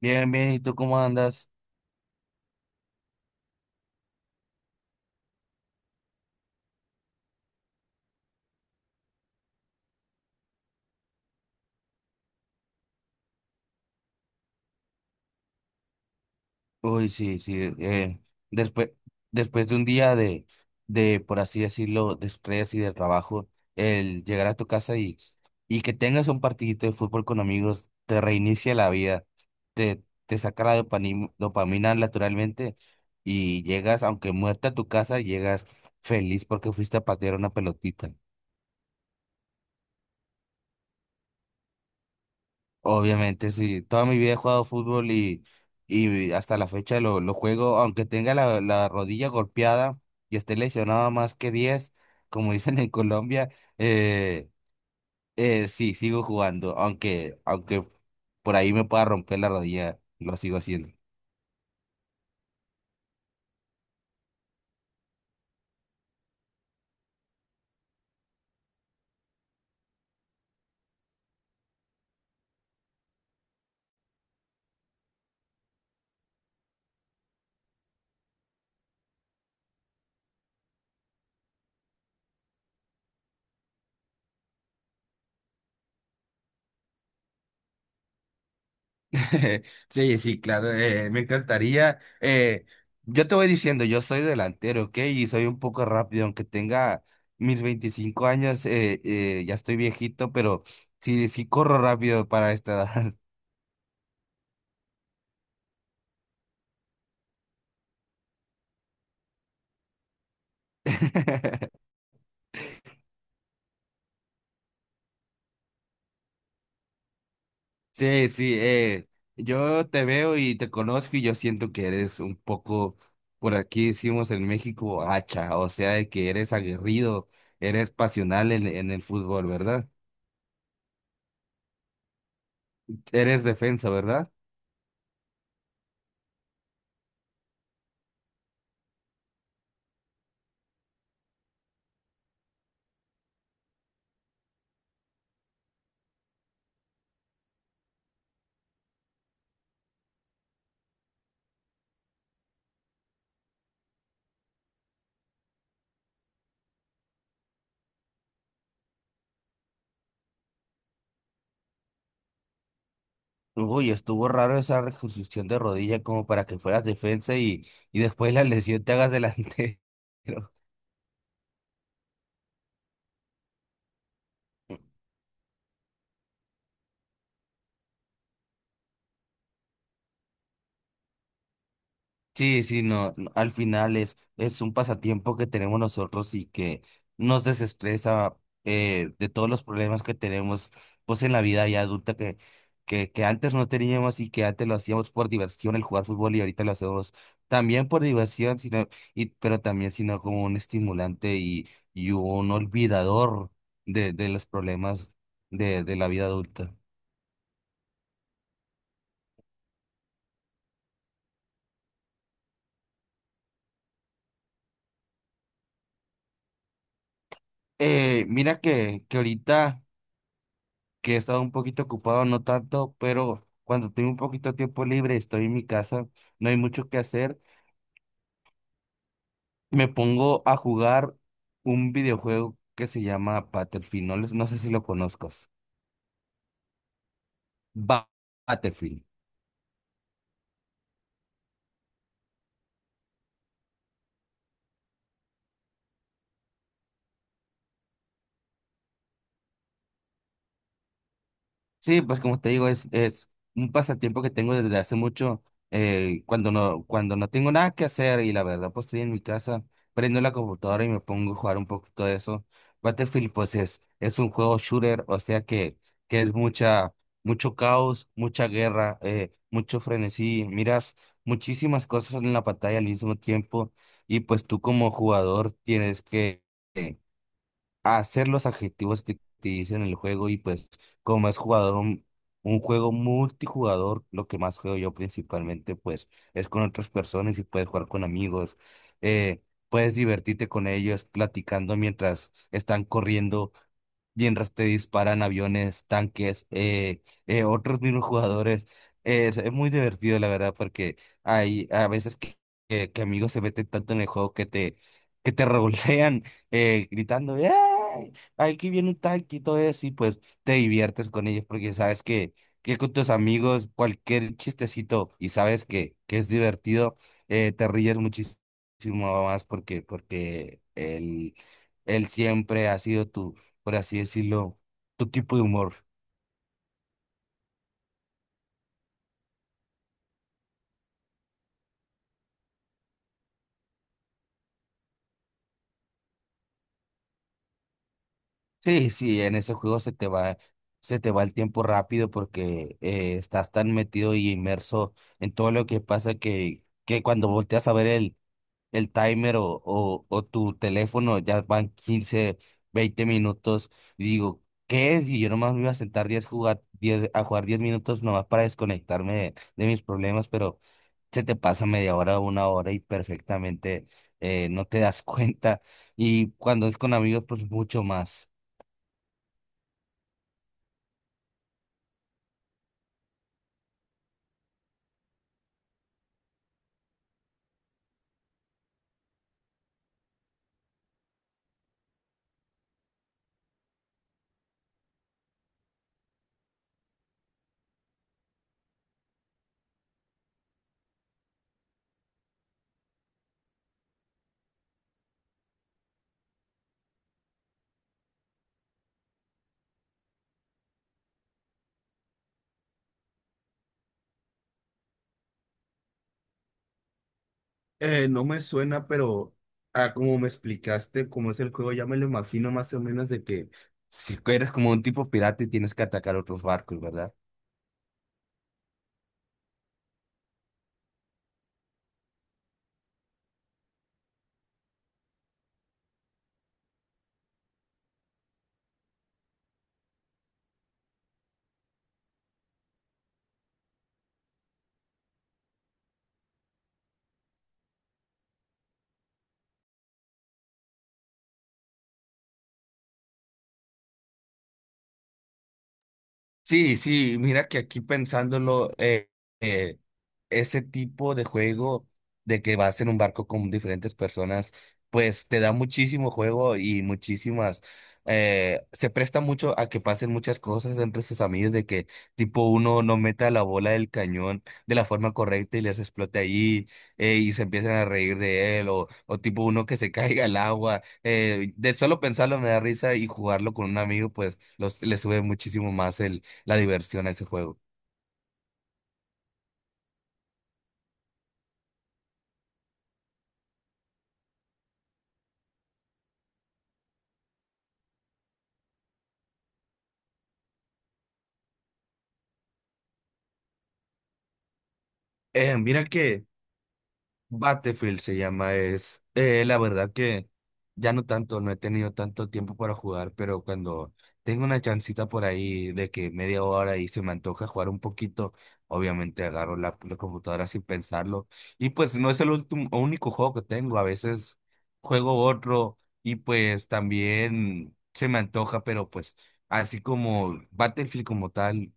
Bien, bien, ¿y tú cómo andas? Uy, sí, sí, después, después de un día de, por así decirlo, de estrés y de trabajo, el llegar a tu casa y que tengas un partidito de fútbol con amigos, te reinicia la vida, te saca la dopamina naturalmente y llegas, aunque muerta a tu casa, llegas feliz porque fuiste a patear una pelotita. Obviamente, sí. Toda mi vida he jugado fútbol y, hasta la fecha lo juego, aunque tenga la rodilla golpeada y esté lesionado más que 10 como dicen en Colombia, eh, sí, sigo jugando, aunque por ahí me pueda romper la rodilla, lo sigo haciendo. Sí, sí, claro, me encantaría. Yo te voy diciendo, yo soy delantero, ¿ok? Y soy un poco rápido, aunque tenga mis 25 años. Ya estoy viejito, pero sí, sí corro rápido para esta edad. Sí, sí, yo te veo y te conozco y yo siento que eres un poco, por aquí decimos en México, hacha, o sea, de que eres aguerrido, eres pasional en el fútbol, ¿verdad? Eres defensa, ¿verdad? Uy, estuvo raro esa reconstrucción de rodilla como para que fueras defensa y después la lesión te hagas delantero. Sí, sí, no, no, al final es un pasatiempo que tenemos nosotros y que nos desestresa de todos los problemas que tenemos pues en la vida ya adulta que antes no teníamos y que antes lo hacíamos por diversión el jugar fútbol y ahorita lo hacemos también por diversión, sino, pero también sino como un estimulante y un olvidador de los problemas de la vida adulta. Mira que ahorita que he estado un poquito ocupado, no tanto, pero cuando tengo un poquito de tiempo libre, estoy en mi casa, no hay mucho que hacer, me pongo a jugar un videojuego que se llama Battlefield, no, no sé si lo conozcas. Ba- Battlefield. Sí, pues como te digo, es un pasatiempo que tengo desde hace mucho, cuando no tengo nada que hacer y la verdad, pues estoy en mi casa, prendo la computadora y me pongo a jugar un poquito de eso. Battlefield, pues es un juego shooter, o sea que es mucha, mucho caos, mucha guerra, mucho frenesí, miras muchísimas cosas en la pantalla al mismo tiempo y pues tú como jugador tienes que a hacer los adjetivos que te dicen en el juego y pues como es jugador un juego multijugador, lo que más juego yo principalmente pues es con otras personas y puedes jugar con amigos. eh, Puedes divertirte con ellos platicando mientras están corriendo, mientras te disparan aviones, tanques, otros mismos jugadores. Es muy divertido la verdad porque hay a veces que amigos se meten tanto en el juego que te, que te rolean gritando, ¡ay! Aquí viene un tanque y todo eso, y pues te diviertes con ellos porque sabes que con tus amigos cualquier chistecito y sabes que es divertido. Te ríes muchísimo más porque, porque él siempre ha sido tu, por así decirlo, tu tipo de humor. Sí, sí, en ese juego se te va el tiempo rápido porque estás tan metido y inmerso en todo lo que pasa que cuando volteas a ver el timer o tu teléfono, ya van quince, 20 minutos, y digo, ¿qué es? Y yo nomás me iba a sentar 10 jugar, 10 a jugar 10 minutos nomás para desconectarme de mis problemas, pero se te pasa media hora, una hora y perfectamente no te das cuenta. Y cuando es con amigos, pues mucho más. No me suena, pero ah, como me explicaste cómo es el juego, ya me lo imagino más o menos de que si eres como un tipo pirata y tienes que atacar otros barcos, ¿verdad? Sí, sí, mira que aquí pensándolo, eh, ese tipo de juego de que vas en un barco con diferentes personas, pues te da muchísimo juego y muchísimas, se presta mucho a que pasen muchas cosas entre sus amigos, de que tipo uno no meta la bola del cañón de la forma correcta y les explote ahí. Y se empiezan a reír de él, o tipo uno que se caiga al agua. De solo pensarlo me da risa y jugarlo con un amigo, pues le sube muchísimo más la diversión a ese juego. Mira que Battlefield se llama, es la verdad que ya no tanto, no he tenido tanto tiempo para jugar, pero cuando tengo una chancita por ahí de que media hora y se me antoja jugar un poquito, obviamente agarro la computadora sin pensarlo. Y pues no es el último, único juego que tengo, a veces juego otro y pues también se me antoja, pero pues así como Battlefield como tal,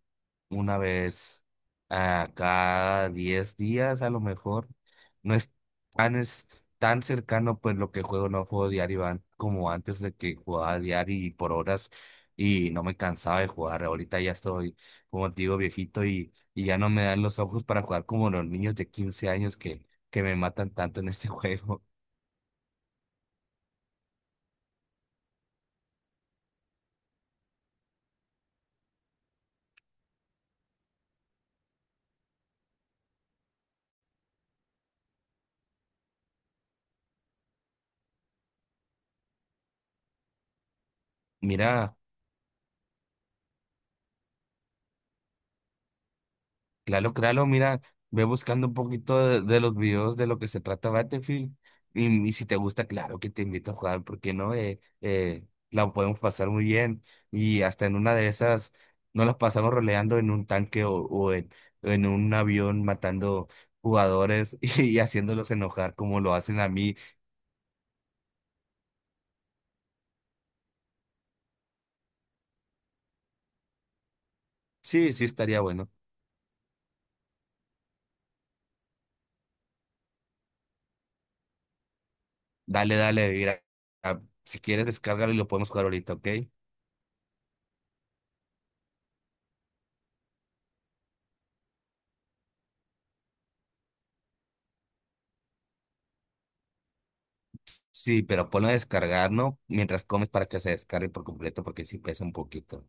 una vez a cada 10 días a lo mejor. No es tan, Es tan cercano pues lo que juego, no juego diario como antes de que jugaba diario y por horas y no me cansaba de jugar. Ahorita ya estoy, como te digo, viejito y ya no me dan los ojos para jugar como los niños de 15 años que me matan tanto en este juego. Mira. Claro, claro, mira, ve buscando un poquito de los videos de lo que se trata Battlefield. Y si te gusta, claro que te invito a jugar, porque no. La podemos pasar muy bien. Y hasta en una de esas, no las pasamos roleando en un tanque en un avión matando jugadores y haciéndolos enojar como lo hacen a mí. Sí, sí, estaría bueno. Dale, dale, mira, a- si quieres, descárgalo y lo podemos jugar ahorita, ¿ok? Sí, pero ponlo a descargar, ¿no? Mientras comes para que se descargue por completo porque sí pesa un poquito.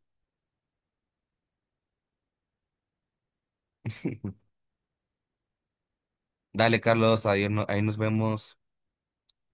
Dale, Carlos, adiós, ahí nos vemos.